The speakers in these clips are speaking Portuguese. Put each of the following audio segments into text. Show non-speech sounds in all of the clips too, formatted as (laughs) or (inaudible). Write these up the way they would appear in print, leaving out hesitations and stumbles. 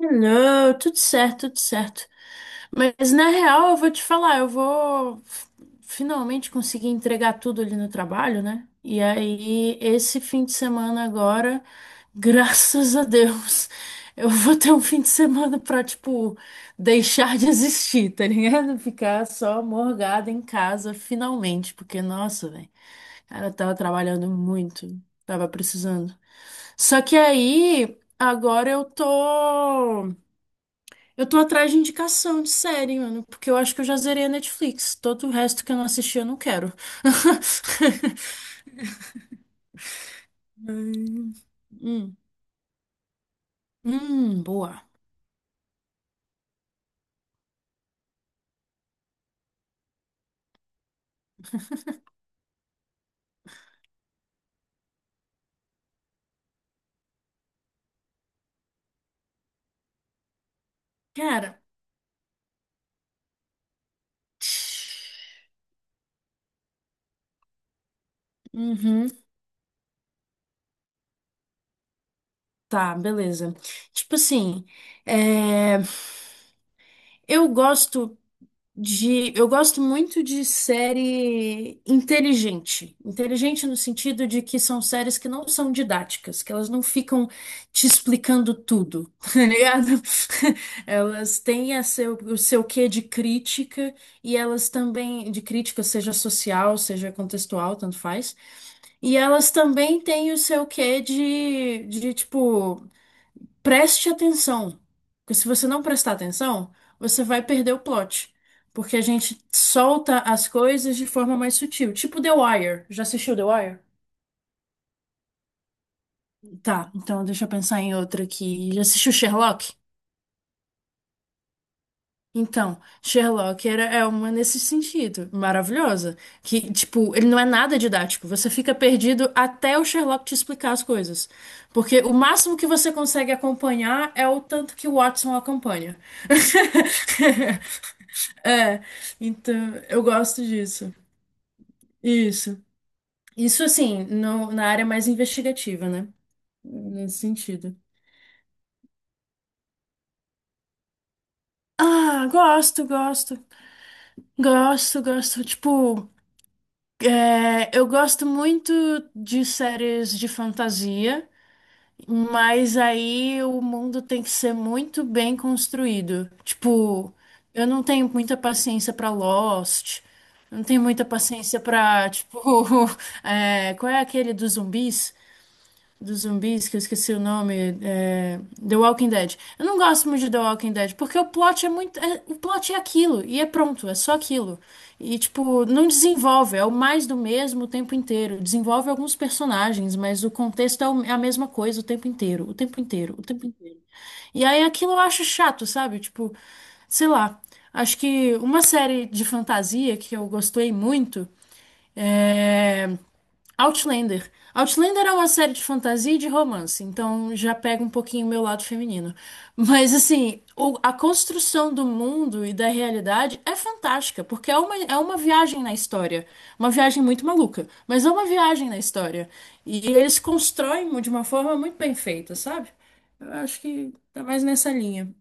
Não, tudo certo, tudo certo. Mas na real, eu vou te falar, finalmente conseguir entregar tudo ali no trabalho, né? E aí, esse fim de semana agora, (laughs) graças a Deus, eu vou ter um fim de semana pra, tipo, deixar de existir, tá ligado? (laughs) Ficar só morgada em casa, finalmente, porque, nossa, velho, cara, eu tava trabalhando muito, tava precisando. Só que aí, agora eu tô. Eu tô atrás de indicação de série, mano, porque eu acho que eu já zerei a Netflix. Todo o resto que eu não assisti, eu não quero. (laughs) Hum, hum, boa. Cara. Uhum, tá, beleza. Tipo assim, é, eu gosto. Eu gosto muito de série inteligente. Inteligente no sentido de que são séries que não são didáticas, que elas não ficam te explicando tudo, (laughs) tá ligado? (laughs) Elas têm a o seu quê de crítica e elas também, de crítica, seja social, seja contextual, tanto faz. E elas também têm o seu quê de tipo. Preste atenção, porque se você não prestar atenção, você vai perder o plot, porque a gente solta as coisas de forma mais sutil, tipo The Wire. Já assistiu The Wire? Tá, então deixa eu pensar em outra aqui. Já assistiu Sherlock? Então, é uma nesse sentido, maravilhosa. Que, tipo, ele não é nada didático. Você fica perdido até o Sherlock te explicar as coisas. Porque o máximo que você consegue acompanhar é o tanto que o Watson acompanha. (laughs) É, então eu gosto disso. Isso. Na área mais investigativa, né? Nesse sentido. Ah, gosto, gosto. Gosto, gosto. Tipo, eu gosto muito de séries de fantasia, mas aí o mundo tem que ser muito bem construído. Tipo, eu não tenho muita paciência pra Lost. Eu Não tenho muita paciência pra, tipo, (laughs) qual é aquele dos zumbis? Que eu esqueci o nome, The Walking Dead. Eu não gosto muito de The Walking Dead, porque o plot é aquilo, e é pronto, é só aquilo. E, tipo, não desenvolve, é o mais do mesmo o tempo inteiro. Desenvolve alguns personagens, mas o contexto é o- é a mesma coisa o tempo inteiro, o tempo inteiro, o tempo inteiro. E aí aquilo eu acho chato, sabe? Tipo, sei lá. Acho que uma série de fantasia que eu gostei muito. é, Outlander. Outlander é uma série de fantasia e de romance, então já pega um pouquinho o meu lado feminino. Mas, assim, a construção do mundo e da realidade é fantástica, porque é uma viagem na história. Uma viagem muito maluca, mas é uma viagem na história. E eles constroem de uma forma muito bem feita, sabe? Eu acho que tá mais nessa linha.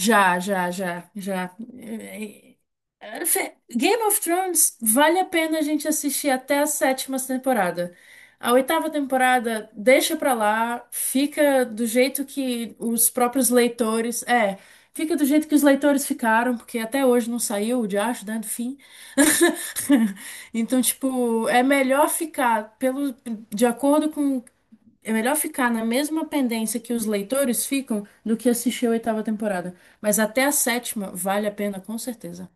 Já, já, já, já. É, é, Game of Thrones vale a pena a gente assistir até a sétima temporada. A oitava temporada deixa pra lá, fica do jeito que os próprios leitores. É, fica do jeito que os leitores ficaram, porque até hoje não saiu o diacho, né, do fim. (laughs) Então, tipo, é melhor ficar pelo, de acordo com. É melhor ficar na mesma pendência que os leitores ficam do que assistir a oitava temporada. Mas até a sétima vale a pena, com certeza.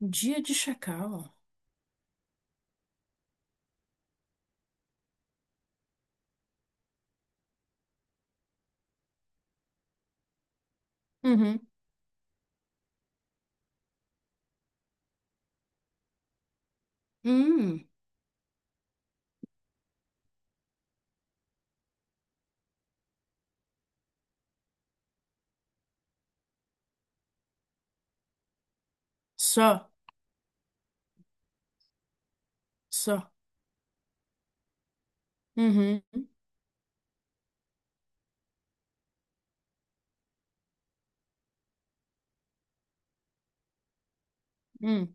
Dia de chacal. Uhum. Hum, só, só. Uhum. Hum.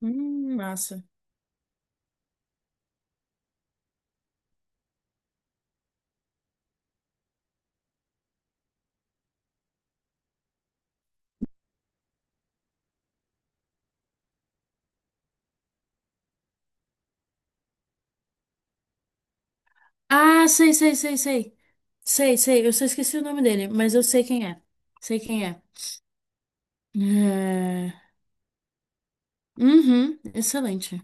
Massa. Ah, sei, sei, sei, sei. Sei, sei. Eu só esqueci o nome dele, mas eu sei quem é. Sei quem é. É, uhum. Excelente.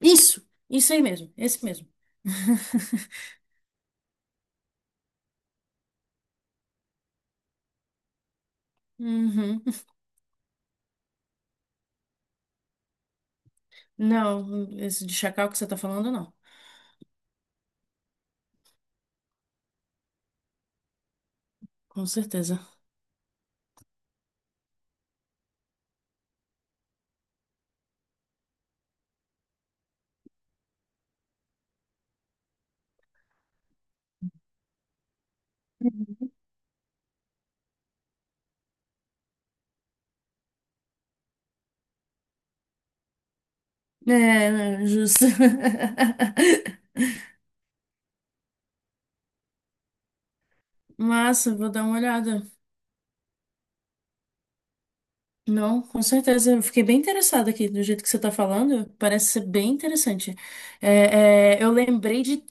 Isso! Isso aí mesmo. Esse mesmo. (laughs) Uhum. Não, esse de chacal que você tá falando, não. Com certeza. É, não, justo. (laughs) Massa, vou dar uma olhada. Não, com certeza. Eu fiquei bem interessada aqui do jeito que você está falando. Parece ser bem interessante. Eu lembrei de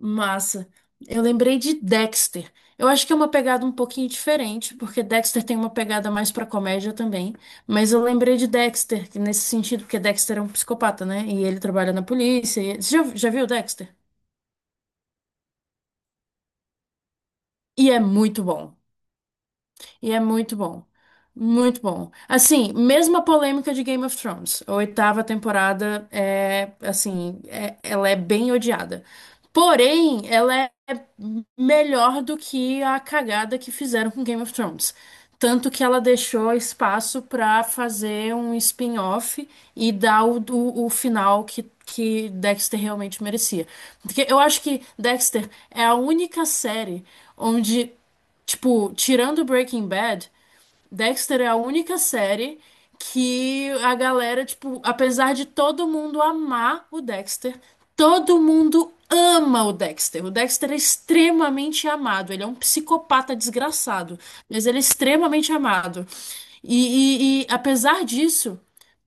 massa. Eu lembrei de Dexter. Eu acho que é uma pegada um pouquinho diferente, porque Dexter tem uma pegada mais pra comédia também. Mas eu lembrei de Dexter, que nesse sentido, porque Dexter é um psicopata, né? E ele trabalha na polícia. Você já viu Dexter? E é muito bom. E é muito bom. Muito bom. Assim, mesma polêmica de Game of Thrones. A oitava temporada é, assim, é- ela é bem odiada. Porém, ela é melhor do que a cagada que fizeram com Game of Thrones. Tanto que ela deixou espaço pra fazer um spin-off e dar o final que Dexter realmente merecia. Porque eu acho que Dexter é a única série onde, tipo, tirando Breaking Bad. Dexter é a única série que a galera, tipo, apesar de todo mundo amar o Dexter, todo mundo ama o Dexter. O Dexter é extremamente amado. Ele é um psicopata desgraçado, mas ele é extremamente amado. Apesar disso.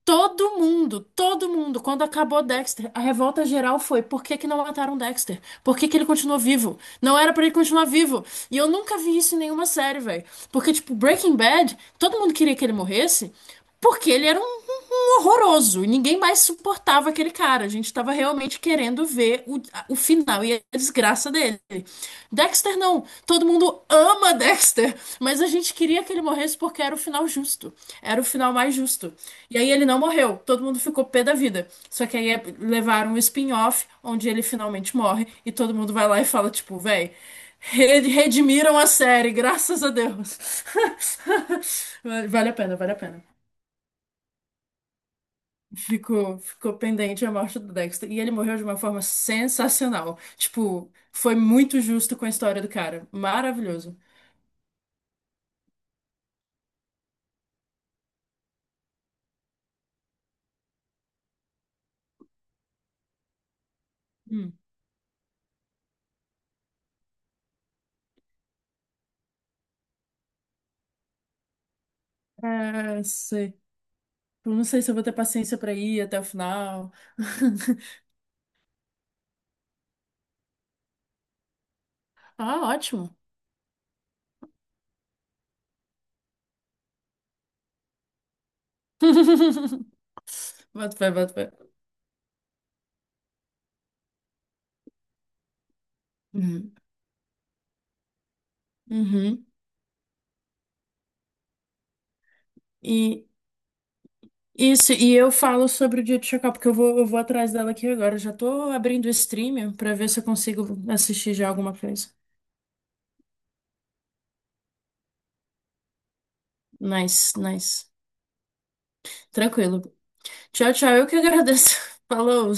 Todo mundo, quando acabou Dexter, a revolta geral foi: por que que não mataram Dexter? Por que que ele continuou vivo? Não era pra ele continuar vivo. E eu nunca vi isso em nenhuma série, velho. Porque, tipo, Breaking Bad, todo mundo queria que ele morresse porque ele era um horroroso. E ninguém mais suportava aquele cara. A gente tava realmente querendo ver o final e a desgraça dele. Dexter não. Todo mundo ama Dexter, mas a gente queria que ele morresse porque era o final justo. Era o final mais justo. E aí ele não morreu. Todo mundo ficou pé da vida. Só que aí é- levaram um spin-off onde ele finalmente morre e todo mundo vai lá e fala, tipo, véi. Redimiram a série, graças a Deus. (laughs) Vale a pena, vale a pena. Ficou, ficou pendente a morte do Dexter. E ele morreu de uma forma sensacional. Tipo, foi muito justo com a história do cara. Maravilhoso. Hum. É, sei. Eu não sei se eu vou ter paciência pra ir até o final. (laughs) Ah, ótimo. (laughs) Bota fé, bota fé. Uhum. Uhum. E isso, e eu falo sobre o dia de Chacal, porque eu vou atrás dela aqui agora. Eu já tô abrindo o stream pra ver se eu consigo assistir já alguma coisa. Nice, nice. Tranquilo. Tchau, tchau. Eu que agradeço. (laughs) Falou.